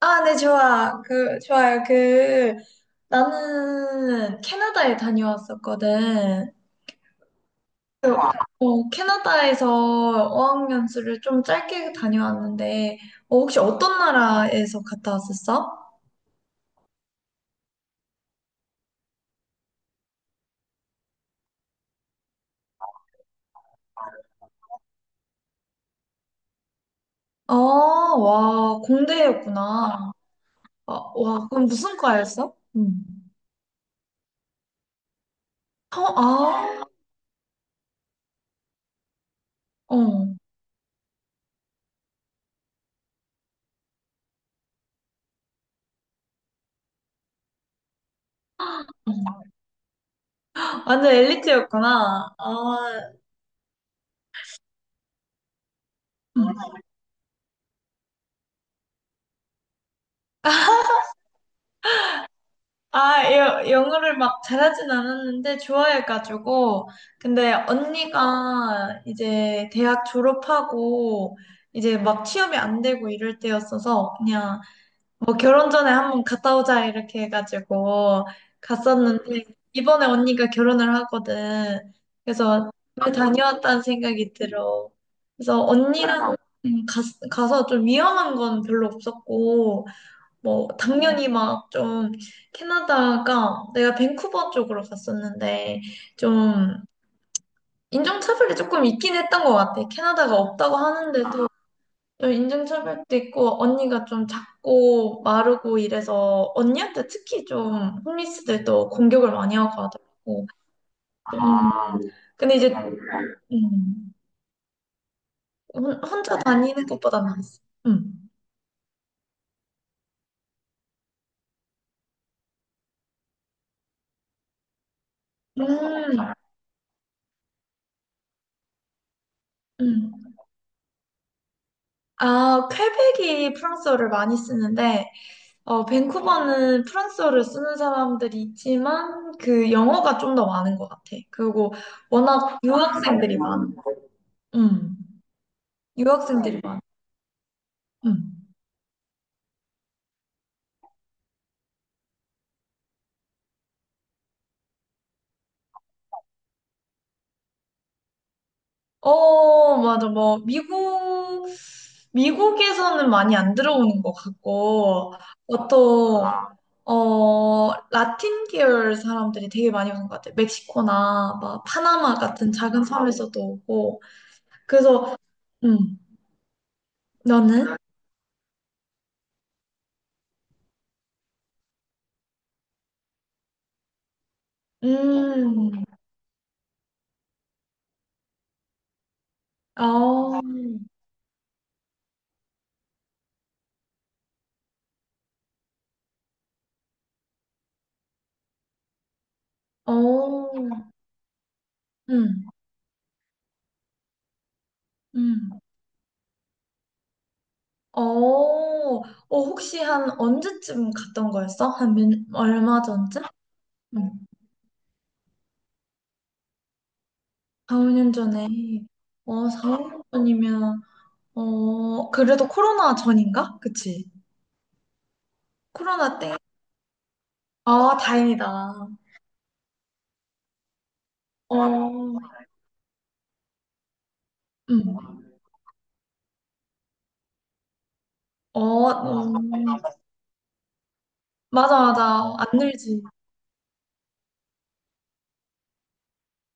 아, 네, 좋아. 좋아요. 나는 캐나다에 다녀왔었거든. 캐나다에서 어학연수를 좀 짧게 다녀왔는데, 어, 혹시 어떤 나라에서 갔다 왔었어? 아, 와, 공대였구나. 아, 와, 그럼 무슨 과였어? 응. 어, 아, 어. 어. 완전 엘리트였구나. 아, 아, 영어를 막 잘하진 않았는데 좋아해가지고. 근데 언니가 이제 대학 졸업하고 이제 막 취업이 안 되고 이럴 때였어서 그냥 뭐 결혼 전에 한번 갔다 오자 이렇게 해가지고 갔었는데 이번에 언니가 결혼을 하거든. 그래서 잘 다녀왔다는 생각이 들어. 그래서 언니랑 가서 좀 위험한 건 별로 없었고 뭐, 당연히 막 좀, 캐나다가 내가 밴쿠버 쪽으로 갔었는데, 좀, 인종차별이 조금 있긴 했던 것 같아. 캐나다가 없다고 하는데도, 좀 인종차별도 있고, 언니가 좀 작고 마르고 이래서, 언니한테 특히 좀, 홈리스들도 공격을 많이 하고 하더라고. 좀, 아, 근데 이제, 음, 혼자 다니는 것보다 나았어. 음. 음, 음. 아, 퀘벡이 프랑스어를 많이 쓰는데, 어, 밴쿠버는 프랑스어를 쓰는 사람들이 있지만 그 영어가 좀 더 많은 것 같아. 그리고 워낙 유학생들이 많아. 음, 유학생들이 많아. 음. 어, 맞아. 뭐 미국에서는 많이 안 들어오는 것 같고 보통 라틴 계열 사람들이 되게 많이 오는 것 같아. 멕시코나 막 파나마 같은 작은 섬에서도 오고. 그래서 음, 너는? 음. 어, 어, 음, 음, 어, 어, 혹시 한 언제쯤 갔던 거였어? 한 몇, 얼마 전쯤? 음, 4, 5년 전에. 어, 4, 5년 전이면, 어, 그래도 코로나 전인가? 그치? 코로나 때? 아, 다행이다. 어, 어, 맞아, 맞아. 안 늘지.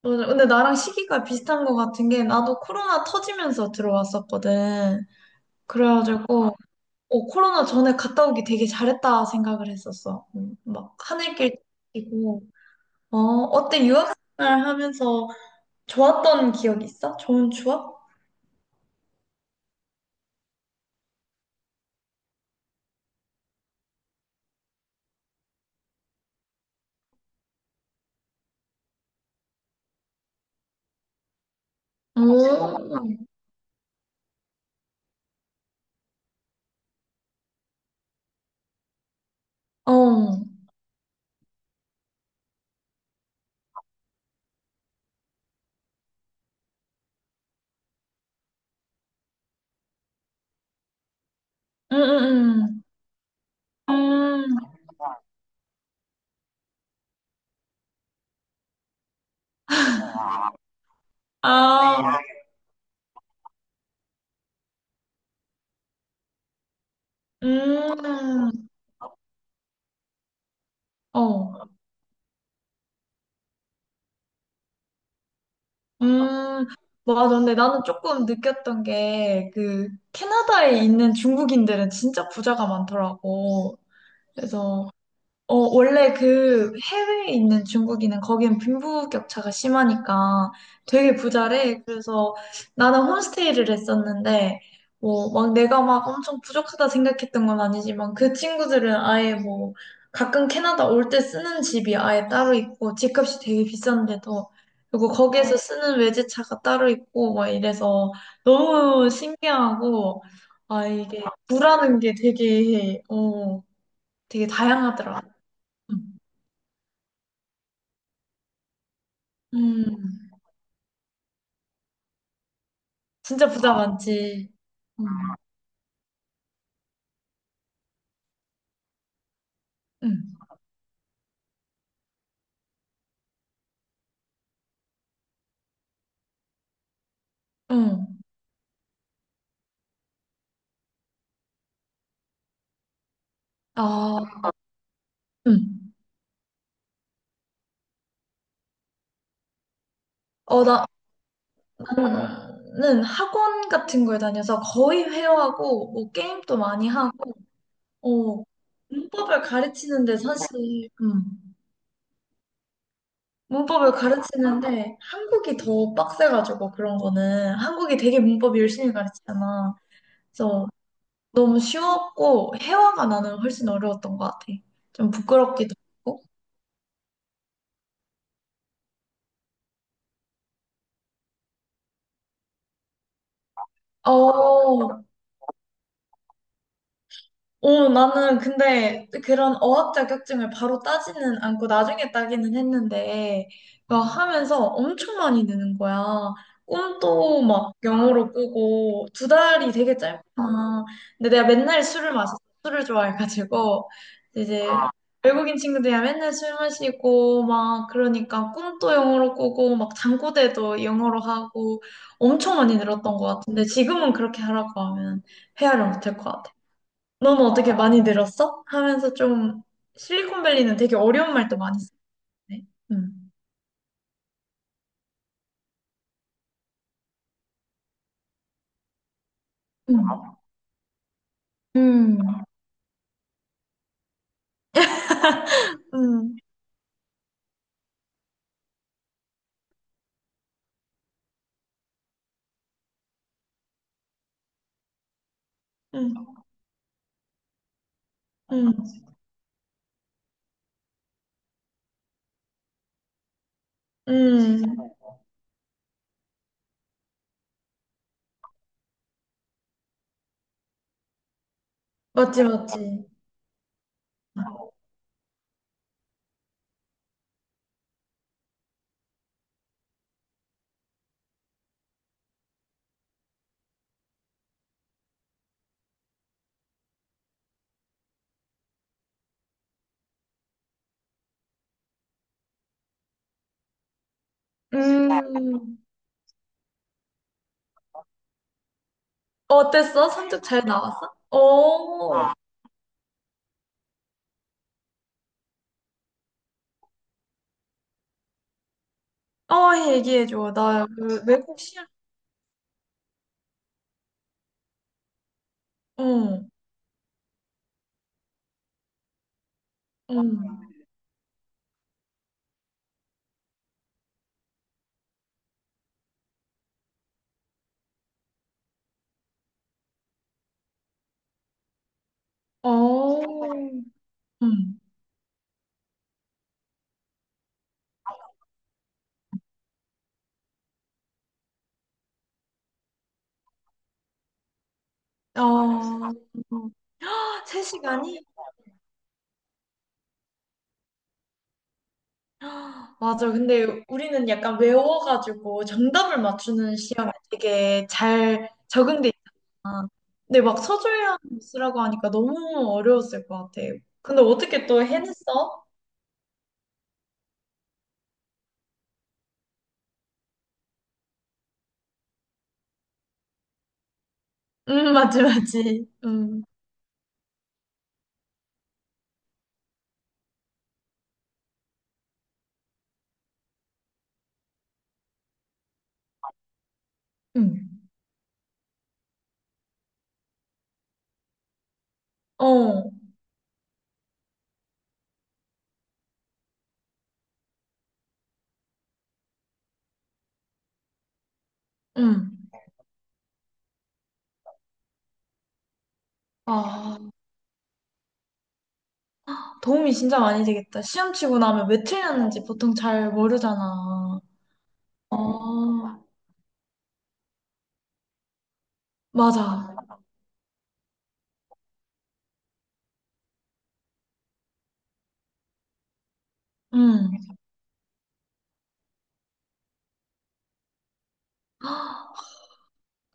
맞아. 근데 나랑 시기가 비슷한 것 같은 게, 나도 코로나 터지면서 들어왔었거든. 그래가지고, 코로나 전에 갔다 오기 되게 잘했다 생각을 했었어. 막 하늘길 뛰고. 어, 어때 유학생활 하면서 좋았던 기억 있어? 좋은 추억? 오. 어. 음, 음. 아. 음. 어. 음. 맞아. 근데 나는 조금 느꼈던 게 그 캐나다에 있는 중국인들은 진짜 부자가 많더라고. 그래서 원래 그 해외에 있는 중국인은 거기는 빈부격차가 심하니까 되게 부자래. 그래서 나는 홈스테이를 했었는데, 뭐, 막 내가 막 엄청 부족하다 생각했던 건 아니지만 그 친구들은 아예 뭐 가끔 캐나다 올 때 쓰는 집이 아예 따로 있고 집값이 되게 비싼데도 그리고 거기에서 쓰는 외제차가 따로 있고 막 이래서 너무 신기하고 아 이게 부라는 게 되게 되게 다양하더라. 음, 진짜 부자 많지. 음, 음, 음. 아, 음. 어, 나는 학원 같은 걸 다녀서 거의 회화하고, 뭐, 게임도 많이 하고, 어, 문법을 가르치는데 사실, 문법을 가르치는데 한국이 더 빡세가지고 그런 거는 한국이 되게 문법 열심히 가르치잖아. 그래서 너무 쉬웠고, 회화가 나는 훨씬 어려웠던 것 같아. 좀 부끄럽기도 하고. 어, 어, 나는 근데 그런 어학 자격증을 바로 따지는 않고 나중에 따기는 했는데, 그 하면서 엄청 많이 느는 거야. 꿈도 막 영어로 꾸고, 두 달이 되게 짧구나. 근데 내가 맨날 술을 마셨어. 술을 좋아해가지고, 이제 외국인 친구들이랑 맨날 술 마시고, 막 그러니까 꿈도 영어로 꾸고, 막 잠꼬대도 영어로 하고, 엄청 많이 늘었던 것 같은데, 지금은 그렇게 하라고 하면 헤아를 못할 것 같아. 너는 어떻게 많이 늘었어? 하면서 좀 실리콘밸리는 되게 어려운 말도 많이 쓰네. 음. 음. 음, 음. 음. 음. 음. 맞지, 맞지. 음. 어땠어? 성적 잘 나왔어? 어. 어, 얘기해줘. 나 그 외국 시험. 어. 어. 어. 음. 어. 세시간이 맞아. 근데 우리는 약간 외워가지고 정답을 맞추는 시험에 되게 잘 적응돼 있잖아. 근데 막 서술형 쓰라고 하니까 너무 어려웠을 것 같아. 근데 어떻게 또 해냈어? 맞지, 맞지. 음, 어, 음. 아, 도움이 진짜 많이 되겠다. 시험 치고 나면 왜 틀렸는지 보통 잘 모르잖아. 어, 맞아. 음.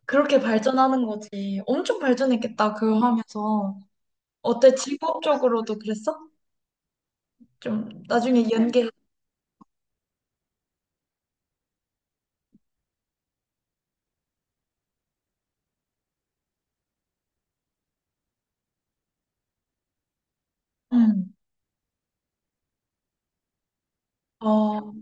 그렇게 발전하는 거지. 엄청 발전했겠다, 그거 하면서. 어때? 직업적으로도 그랬어? 좀 나중에 응. 연계. 응. 어,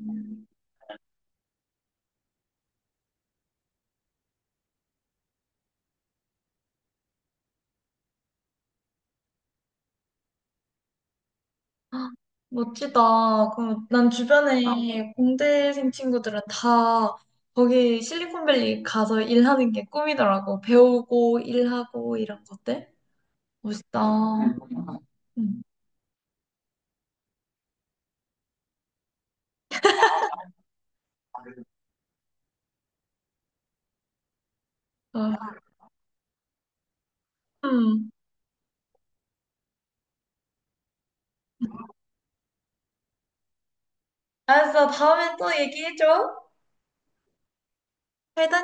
멋지다. 그럼 난 주변에 공대생 친구들은 다 거기 실리콘밸리 가서 일하는 게 꿈이더라고. 배우고 일하고 이런 것들. 멋있다. 응. 아, 음. 알았어. 다음에 또 얘기해줘. 잘